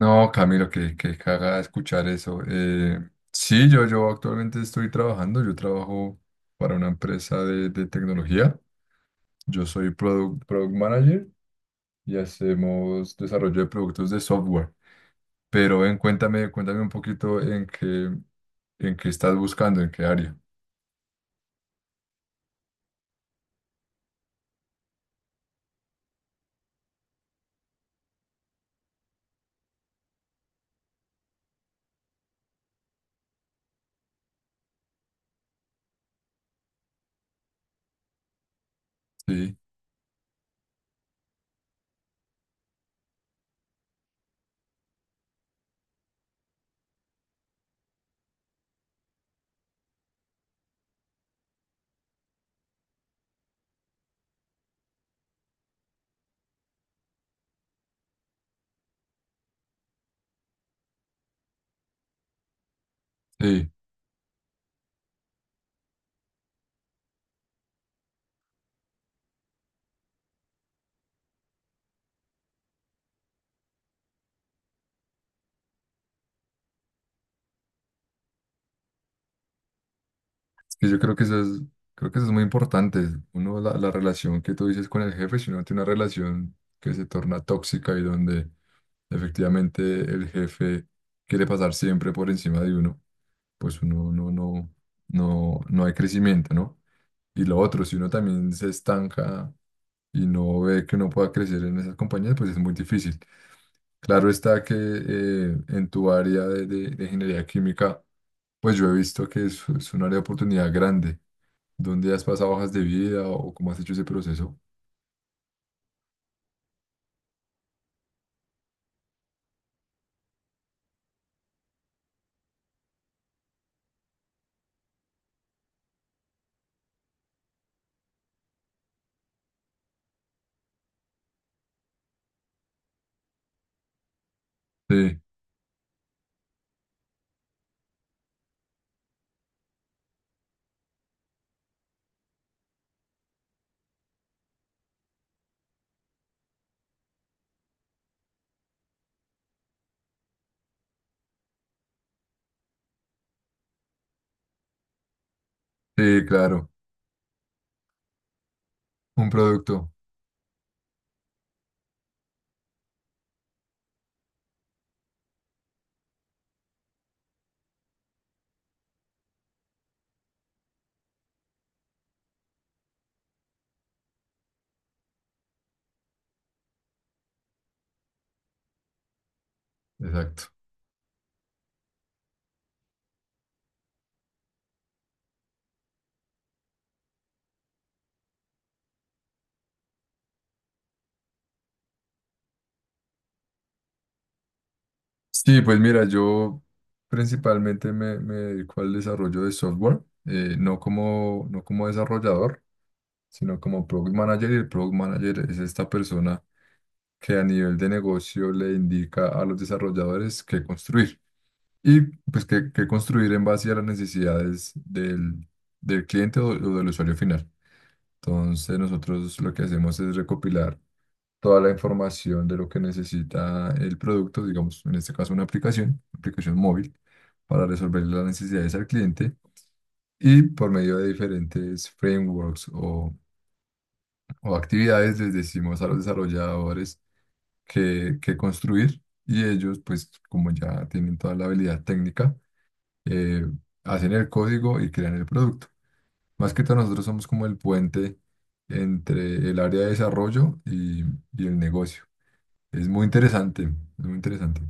No, Camilo, que caga escuchar eso. Sí, yo actualmente estoy trabajando, yo trabajo para una empresa de tecnología. Yo soy product manager y hacemos desarrollo de productos de software. Pero ven, cuéntame, cuéntame un poquito en qué estás buscando, en qué área. Sí, sí. Es que yo creo que eso es, creo que eso es muy importante. Uno, la relación que tú dices con el jefe, si uno tiene una relación que se torna tóxica y donde efectivamente el jefe quiere pasar siempre por encima de uno, pues uno no hay crecimiento, ¿no? Y lo otro, si uno también se estanca y no ve que uno pueda crecer en esas compañías, pues es muy difícil. Claro está que en tu área de, de ingeniería química, pues yo he visto que es un área de oportunidad grande. ¿Dónde has pasado hojas de vida o cómo has hecho ese proceso? Sí, sí, claro, un producto, exacto. Sí, pues mira, yo principalmente me dedico al desarrollo de software, no como, no como desarrollador, sino como product manager. Y el product manager es esta persona que a nivel de negocio le indica a los desarrolladores qué construir y pues qué, qué construir en base a las necesidades del, del cliente o del usuario final. Entonces nosotros lo que hacemos es recopilar toda la información de lo que necesita el producto, digamos, en este caso una aplicación, aplicación móvil, para resolver las necesidades al cliente y por medio de diferentes frameworks o actividades les decimos a los desarrolladores que qué construir y ellos, pues como ya tienen toda la habilidad técnica, eh, hacen el código y crean el producto. Más que todo nosotros somos como el puente entre el área de desarrollo y el negocio. Es muy interesante, es muy interesante.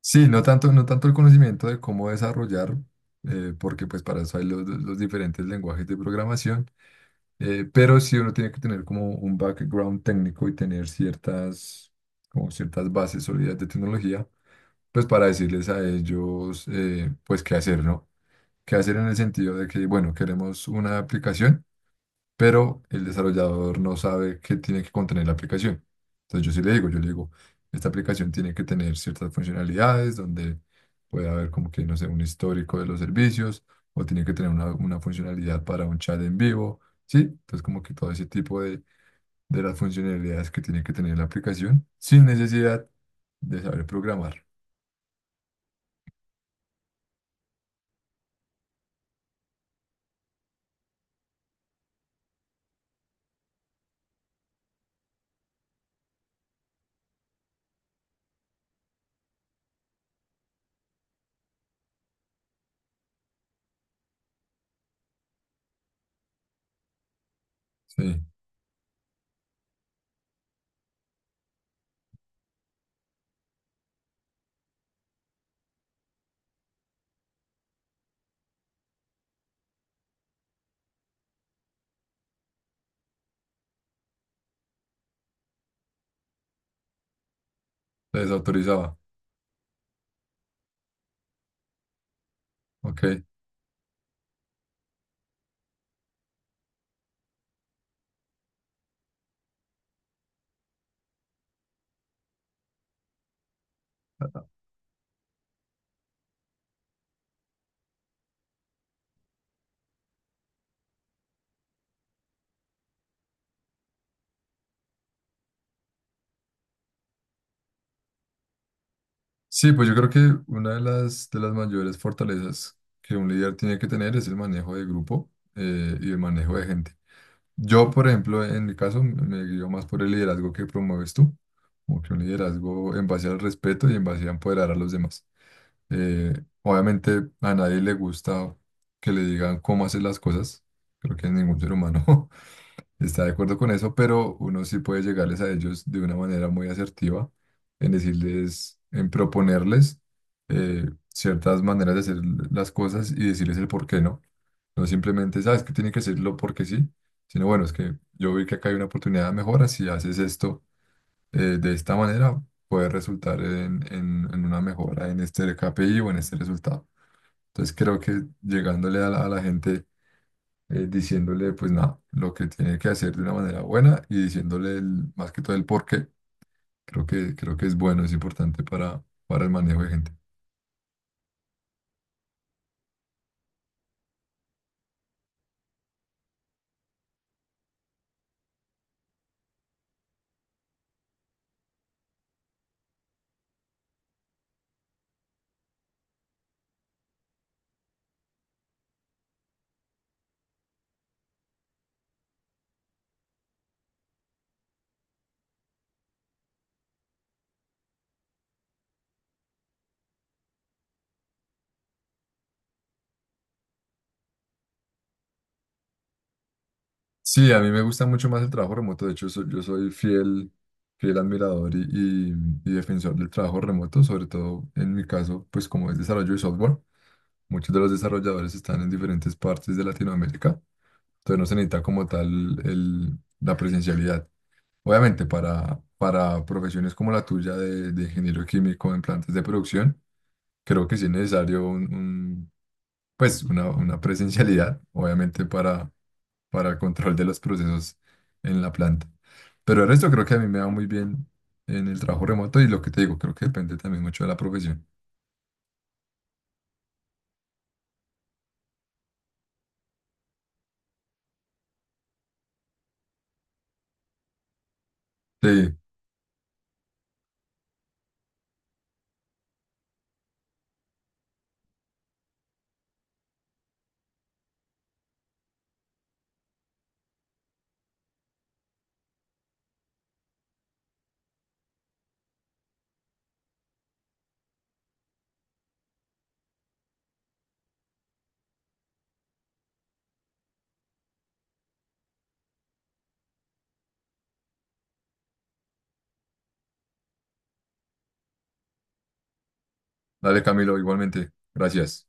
Sí, no tanto, no tanto el conocimiento de cómo desarrollar, porque pues para eso hay los diferentes lenguajes de programación, pero sí uno tiene que tener como un background técnico y tener ciertas, como ciertas bases sólidas de tecnología, pues para decirles a ellos, pues qué hacer, ¿no? Qué hacer en el sentido de que, bueno, queremos una aplicación. Pero el desarrollador no sabe qué tiene que contener la aplicación. Entonces yo sí le digo, yo le digo, esta aplicación tiene que tener ciertas funcionalidades donde puede haber como que, no sé, un histórico de los servicios o tiene que tener una funcionalidad para un chat en vivo, ¿sí? Entonces como que todo ese tipo de las funcionalidades que tiene que tener la aplicación sin necesidad de saber programar, ¿sí? Se desautorizaba, ¿ok? Sí, pues yo creo que una de las mayores fortalezas que un líder tiene que tener es el manejo de grupo y el manejo de gente. Yo, por ejemplo, en mi caso, me guío más por el liderazgo que promueves tú, como que un liderazgo en base al respeto y en base a empoderar a los demás. Eh, obviamente a nadie le gusta que le digan cómo hacer las cosas, creo que a ningún ser humano, está de acuerdo con eso, pero uno sí puede llegarles a ellos de una manera muy asertiva, en decirles, en proponerles ciertas maneras de hacer las cosas y decirles el por qué no. No simplemente, sabes que tiene que hacerlo porque sí, sino bueno, es que yo vi que acá hay una oportunidad de mejora, si haces esto de esta manera, puede resultar en, en una mejora en este KPI o en este resultado. Entonces creo que llegándole a la gente diciéndole pues nada, lo que tiene que hacer de una manera buena y diciéndole más que todo el por qué. Creo que es bueno, es importante para el manejo de gente. Sí, a mí me gusta mucho más el trabajo remoto. De hecho, yo soy fiel, fiel admirador y- y defensor del trabajo remoto, sobre todo en mi caso, pues como es desarrollo de software, muchos de los desarrolladores están en diferentes partes de Latinoamérica, entonces no se necesita como tal la presencialidad. Obviamente, para profesiones como la tuya de ingeniero químico en plantas de producción, creo que sí es necesario pues una presencialidad, obviamente, para el control de los procesos en la planta. Pero el resto creo que a mí me va muy bien en el trabajo remoto y lo que te digo, creo que depende también mucho de la profesión. Sí, dale Camilo, igualmente. Gracias.